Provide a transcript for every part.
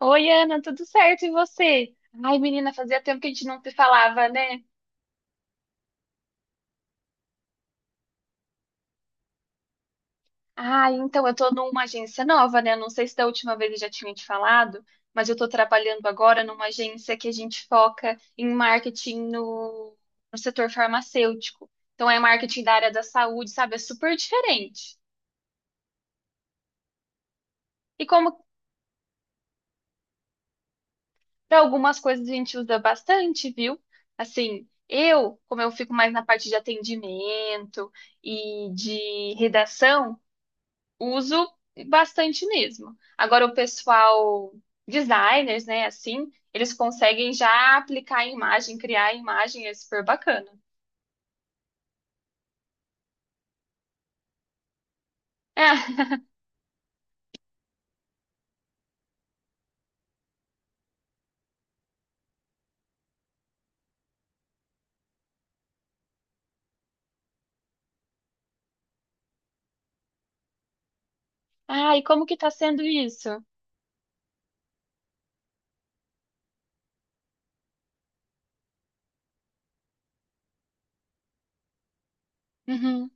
Oi, Ana, tudo certo? E você? Ai, menina, fazia tempo que a gente não se falava, né? Então eu tô numa agência nova, né? Não sei se da última vez eu já tinha te falado, mas eu tô trabalhando agora numa agência que a gente foca em marketing no, no setor farmacêutico. Então é marketing da área da saúde, sabe? É super diferente. E como para algumas coisas a gente usa bastante, viu? Assim, como eu fico mais na parte de atendimento e de redação. Uso bastante mesmo. Agora, o pessoal, designers, né, assim, eles conseguem já aplicar a imagem, criar a imagem, é super bacana. Ah, ai, como que tá sendo isso? Uhum.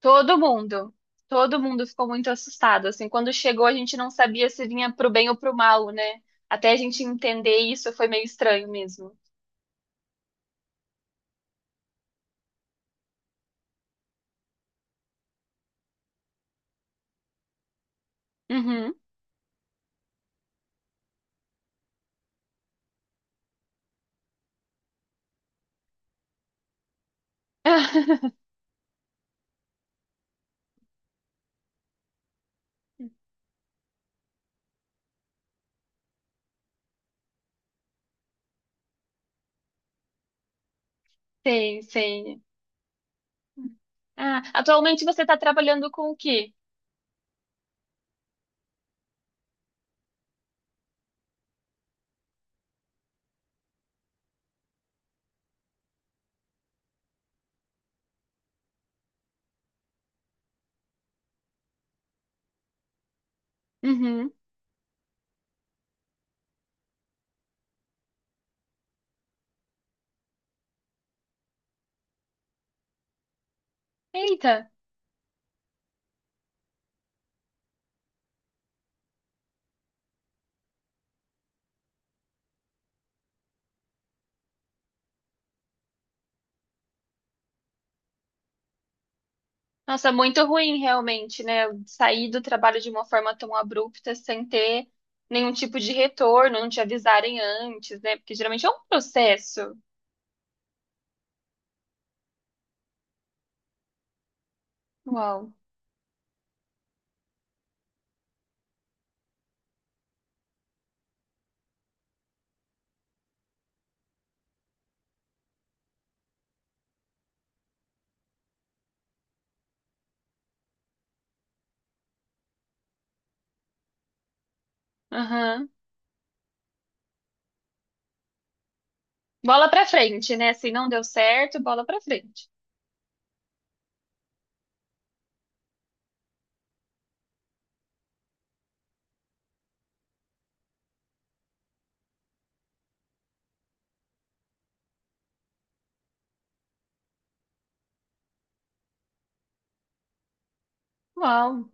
Todo mundo, todo mundo ficou muito assustado, assim, quando chegou a gente não sabia se vinha pro bem ou pro mal, né? Até a gente entender isso foi meio estranho mesmo. Uhum. Sim, sim. Ah, atualmente você está trabalhando com o quê? Uhum. Eita. Nossa, muito ruim realmente, né? Eu sair do trabalho de uma forma tão abrupta, sem ter nenhum tipo de retorno, não te avisarem antes, né? Porque geralmente é um processo. Uau. Aham. Bola pra frente, né? Se não deu certo, bola pra frente. Uau.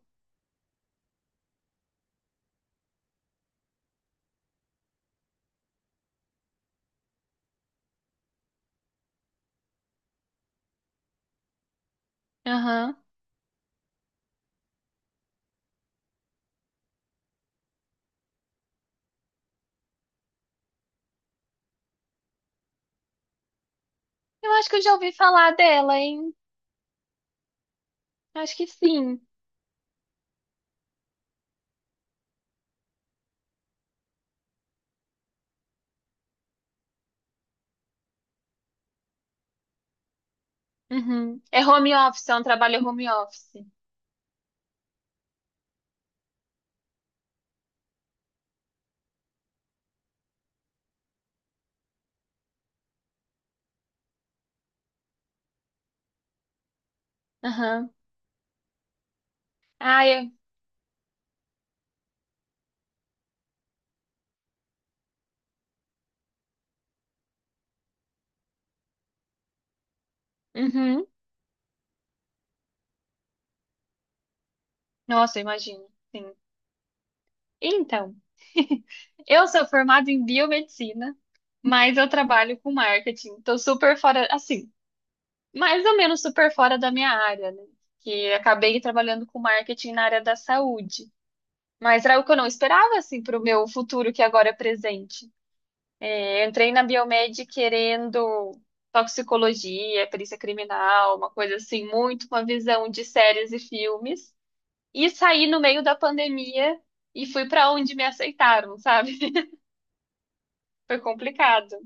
Aham. Eu acho que eu já ouvi falar dela, hein? Acho que sim. Uhum. É home office, é um trabalho home office. Aham. Ah, é. Uhum. Nossa, eu imagino. Sim. Então, eu sou formada em biomedicina, mas eu trabalho com marketing. Estou super fora, assim, mais ou menos super fora da minha área, né? Que acabei trabalhando com marketing na área da saúde. Mas era o que eu não esperava, assim, para o meu futuro, que agora é presente. Eu entrei na Biomed querendo toxicologia, perícia criminal, uma coisa assim, muito com a visão de séries e filmes. E saí no meio da pandemia e fui para onde me aceitaram, sabe? Foi complicado.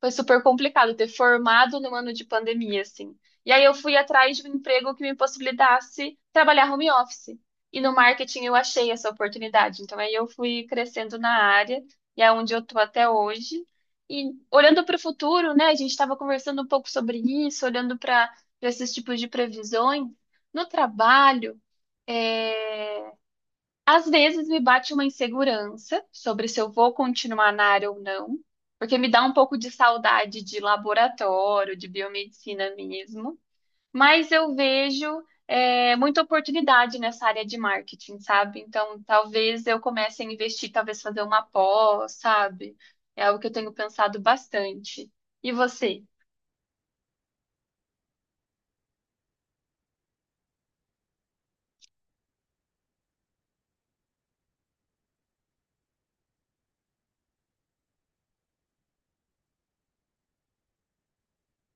Foi super complicado ter formado num ano de pandemia, assim. E aí eu fui atrás de um emprego que me possibilitasse trabalhar home office. E no marketing eu achei essa oportunidade. Então aí eu fui crescendo na área e é onde eu tô até hoje. E olhando para o futuro, né? A gente estava conversando um pouco sobre isso, olhando para esses tipos de previsões. No trabalho, é, às vezes me bate uma insegurança sobre se eu vou continuar na área ou não, porque me dá um pouco de saudade de laboratório, de biomedicina mesmo. Mas eu vejo muita oportunidade nessa área de marketing, sabe? Então, talvez eu comece a investir, talvez fazer uma pós, sabe? É algo que eu tenho pensado bastante. E você?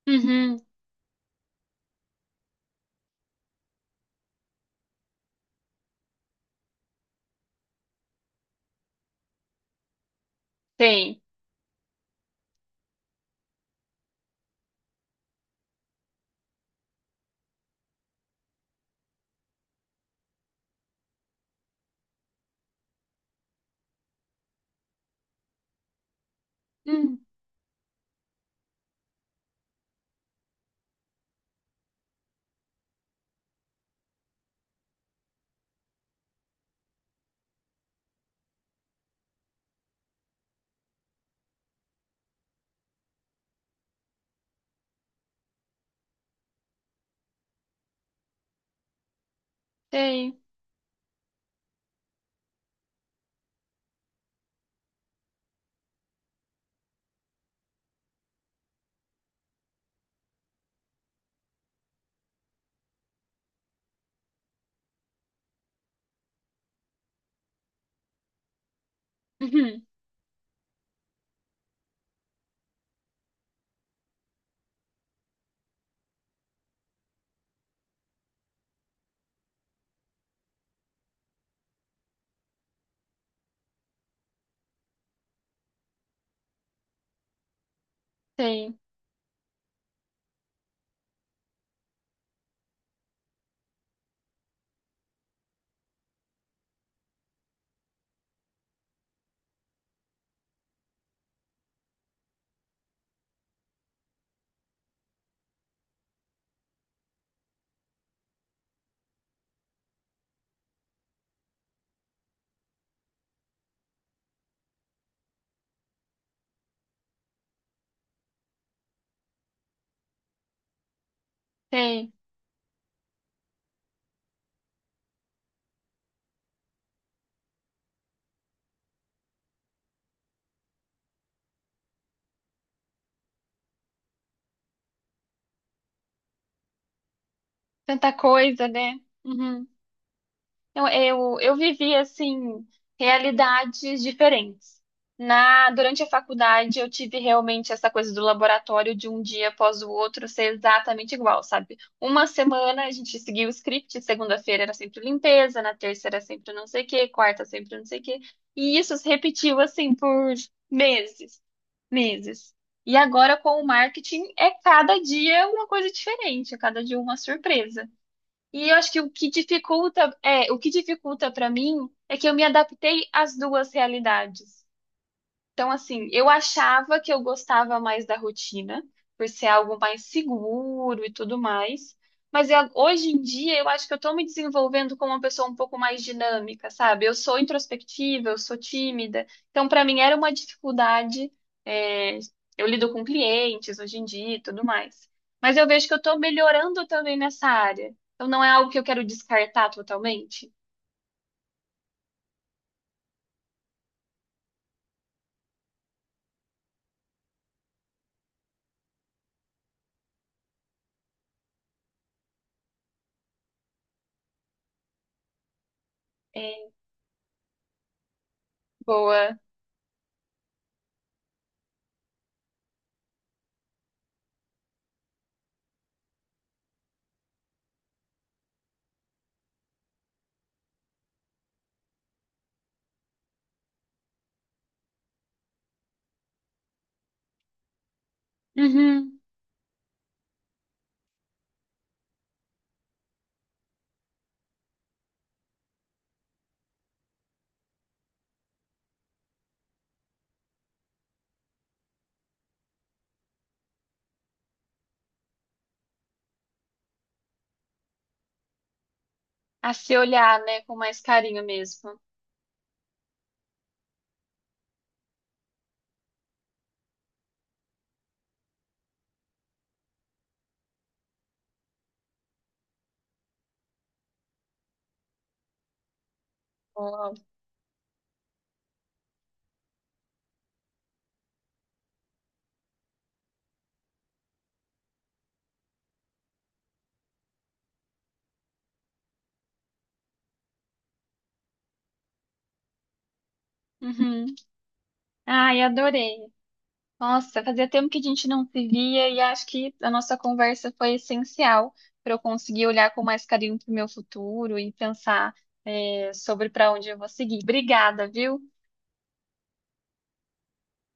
Uhum, tem. Hum, tem. Uhum, tem. Tem. Tanta coisa, né? Uhum. Eu vivi, assim, realidades diferentes. Durante a faculdade, eu tive realmente essa coisa do laboratório de um dia após o outro ser exatamente igual, sabe? Uma semana a gente seguia o script, segunda-feira era sempre limpeza, na terça era sempre não sei o quê, quarta sempre não sei o quê. E isso se repetiu, assim, por meses, meses. E agora, com o marketing, é cada dia uma coisa diferente, é cada dia uma surpresa. E eu acho que o que dificulta para mim é que eu me adaptei às duas realidades. Então, assim, eu achava que eu gostava mais da rotina, por ser algo mais seguro e tudo mais. Hoje em dia eu acho que eu tô me desenvolvendo como uma pessoa um pouco mais dinâmica, sabe? Eu sou introspectiva, eu sou tímida. Então, para mim era uma dificuldade. é, eu lido com clientes hoje em dia e tudo mais. Mas eu vejo que eu tô melhorando também nessa área. Então, não é algo que eu quero descartar totalmente. É, boa. Uhum. A se olhar, né, com mais carinho mesmo. Uau. Uhum. Ai, adorei. Nossa, fazia tempo que a gente não se via e acho que a nossa conversa foi essencial para eu conseguir olhar com mais carinho para o meu futuro e pensar sobre para onde eu vou seguir. Obrigada, viu?